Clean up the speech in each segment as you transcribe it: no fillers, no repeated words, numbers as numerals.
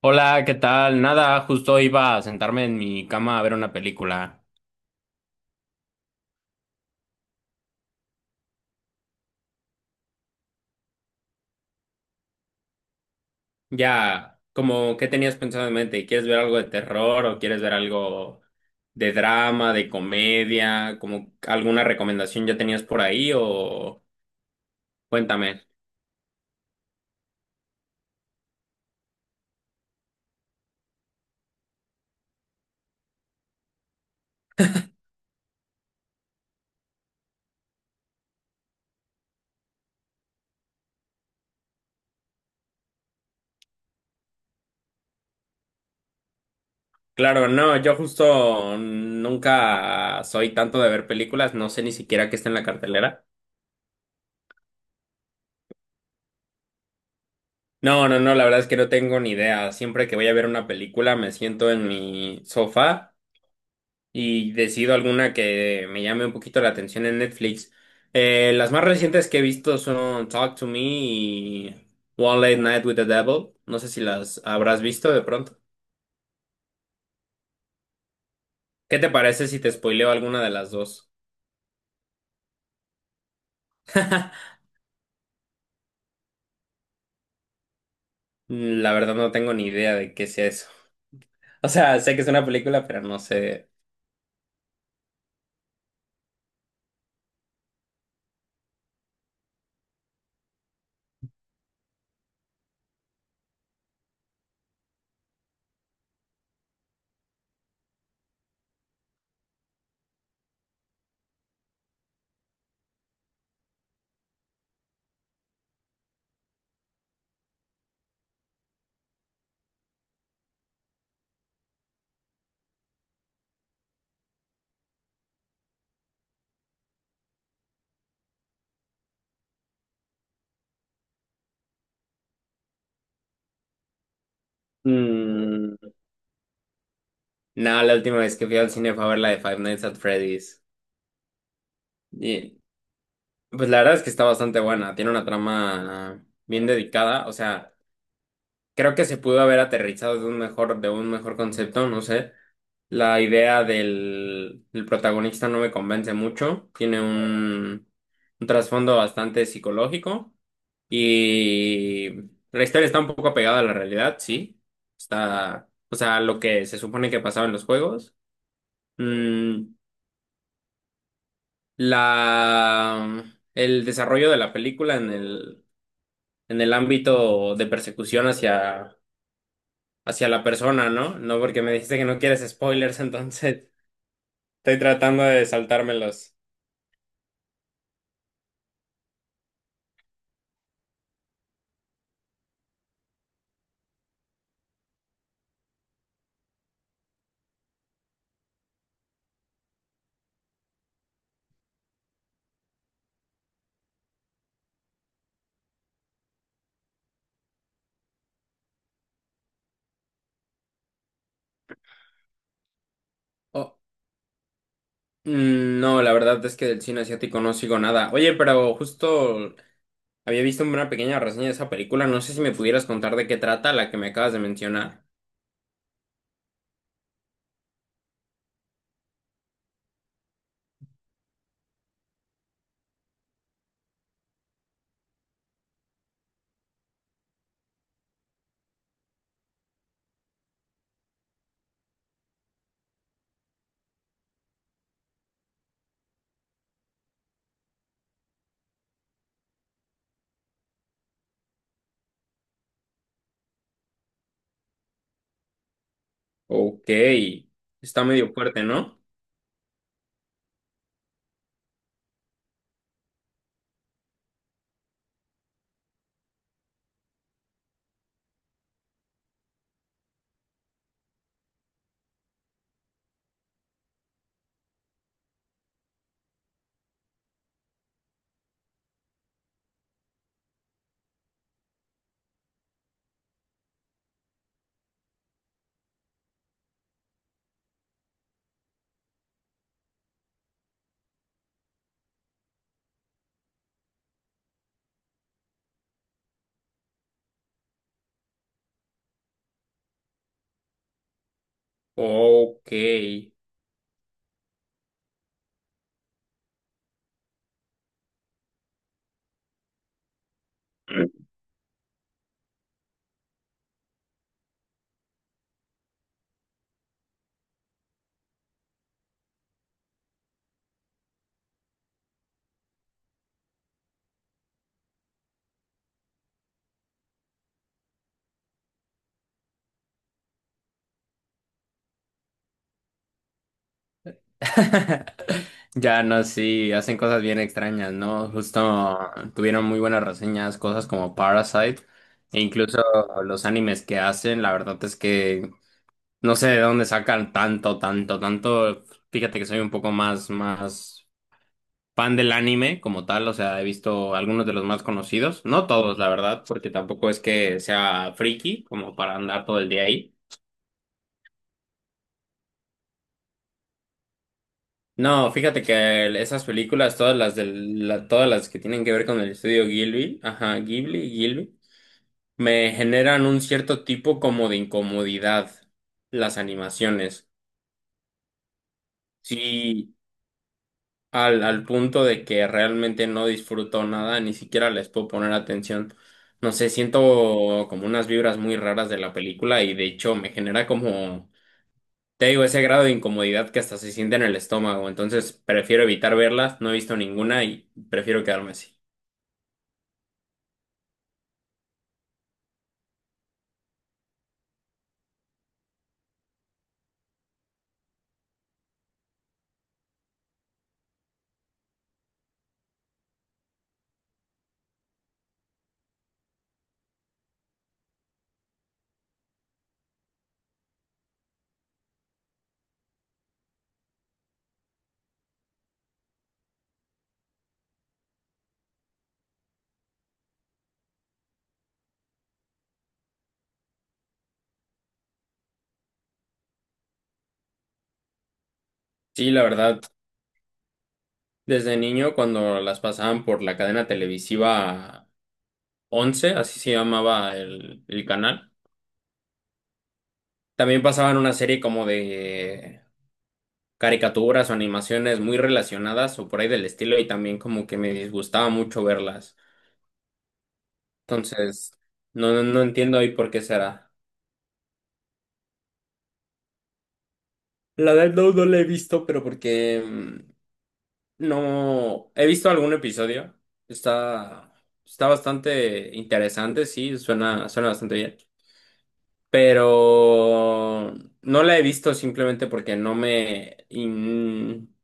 Hola, ¿qué tal? Nada, justo iba a sentarme en mi cama a ver una película. Ya, como, ¿qué tenías pensado en mente? ¿Quieres ver algo de terror o quieres ver algo de drama, de comedia? ¿Como alguna recomendación ya tenías por ahí o cuéntame? Claro, no, yo justo nunca soy tanto de ver películas, no sé ni siquiera qué está en la cartelera. No, no, no, la verdad es que no tengo ni idea. Siempre que voy a ver una película me siento en mi sofá y decido alguna que me llame un poquito la atención en Netflix. Las más recientes que he visto son Talk to Me y One Late Night with the Devil. No sé si las habrás visto de pronto. ¿Qué te parece si te spoileo alguna de las dos? La verdad no tengo ni idea de qué sea eso. O sea, sé que es una película, pero no sé. Mm, no, la última vez que fui al cine fue a ver la de Five Nights at Freddy's. Y pues la verdad es que está bastante buena. Tiene una trama bien dedicada. O sea, creo que se pudo haber aterrizado de un mejor concepto, no sé. La idea del protagonista no me convence mucho. Tiene un trasfondo bastante psicológico. Y la historia está un poco apegada a la realidad, sí. Está, o sea, lo que se supone que pasaba en los juegos. Mm, la, el desarrollo de la película en el ámbito de persecución hacia la persona, ¿no? No, porque me dijiste que no quieres spoilers, entonces estoy tratando de saltármelos. Oh, no, la verdad es que del cine asiático no sigo nada. Oye, pero justo había visto una pequeña reseña de esa película. No sé si me pudieras contar de qué trata la que me acabas de mencionar. Ok, está medio fuerte, ¿no? Ok. Ya no, sí, hacen cosas bien extrañas, ¿no? Justo tuvieron muy buenas reseñas, cosas como Parasite, e incluso los animes que hacen, la verdad es que no sé de dónde sacan tanto, tanto, tanto. Fíjate que soy un poco más fan del anime como tal, o sea, he visto algunos de los más conocidos, no todos, la verdad, porque tampoco es que sea friki como para andar todo el día ahí. No, fíjate que esas películas, todas las que tienen que ver con el estudio Ghibli, ajá, Ghibli me generan un cierto tipo como de incomodidad las animaciones. Sí, al punto de que realmente no disfruto nada, ni siquiera les puedo poner atención. No sé, siento como unas vibras muy raras de la película y de hecho me genera como. Te digo, ese grado de incomodidad que hasta se siente en el estómago, entonces prefiero evitar verlas, no he visto ninguna y prefiero quedarme así. Sí, la verdad, desde niño cuando las pasaban por la cadena televisiva Once, así se llamaba el canal, también pasaban una serie como de caricaturas o animaciones muy relacionadas o por ahí del estilo y también como que me disgustaba mucho verlas. Entonces, no, no entiendo ahí por qué será. La del no, no la he visto, pero porque no, he visto algún episodio. Está, Está bastante interesante, sí, suena bastante bien. Pero no la he visto simplemente porque no me...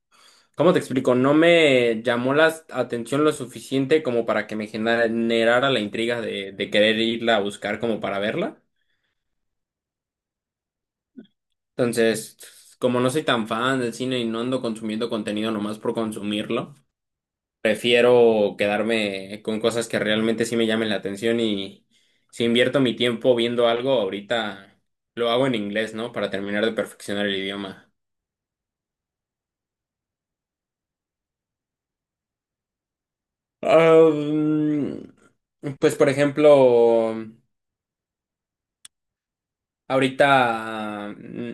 ¿cómo te explico? No me llamó la atención lo suficiente como para que me generara la intriga de querer irla a buscar como para verla. Entonces, como no soy tan fan del cine y no ando consumiendo contenido nomás por consumirlo. Prefiero quedarme con cosas que realmente sí me llamen la atención y si invierto mi tiempo viendo algo, ahorita lo hago en inglés, ¿no? Para terminar de perfeccionar el idioma. Pues por ejemplo, ahorita mm,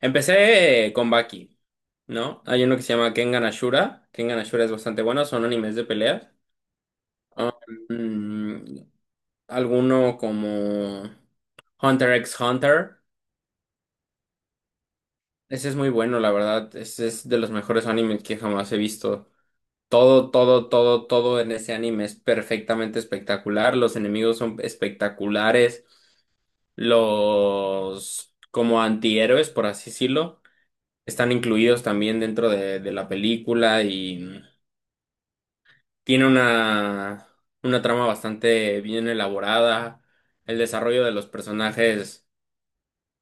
empecé con Baki, ¿no? Hay uno que se llama Kengan Ashura. Kengan Ashura es bastante bueno, son animes de peleas. Mm, Alguno como Hunter x Hunter. Ese es muy bueno, la verdad. Ese es de los mejores animes que jamás he visto. Todo, todo, todo, todo en ese anime es perfectamente espectacular. Los enemigos son espectaculares. Los como antihéroes, por así decirlo, están incluidos también dentro de la película y tiene una trama bastante bien elaborada. El desarrollo de los personajes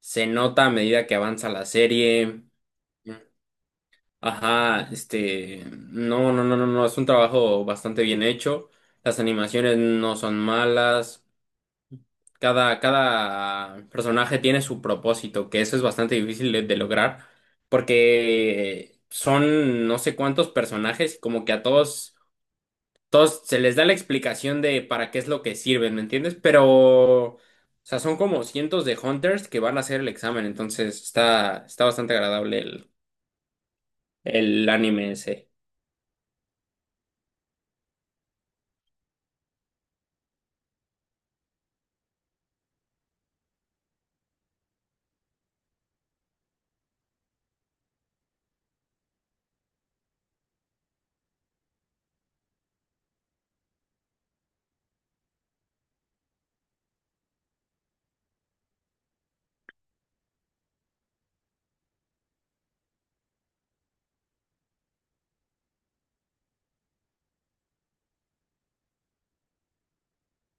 se nota a medida que avanza la serie. Ajá, este, no, no, no, no, no, es un trabajo bastante bien hecho. Las animaciones no son malas. Cada personaje tiene su propósito, que eso es bastante difícil de lograr, porque son no sé cuántos personajes y como que a todos, todos se les da la explicación de para qué es lo que sirven, ¿me entiendes? Pero, o sea, son como cientos de hunters que van a hacer el examen, entonces está bastante agradable el anime ese.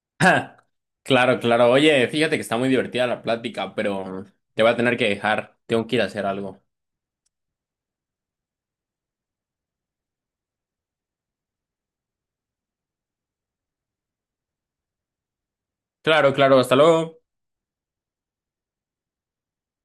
Ja, claro, claro. Oye, fíjate que está muy divertida la plática, pero te voy a tener que dejar. Tengo que ir a hacer algo. Claro, claro. Hasta luego.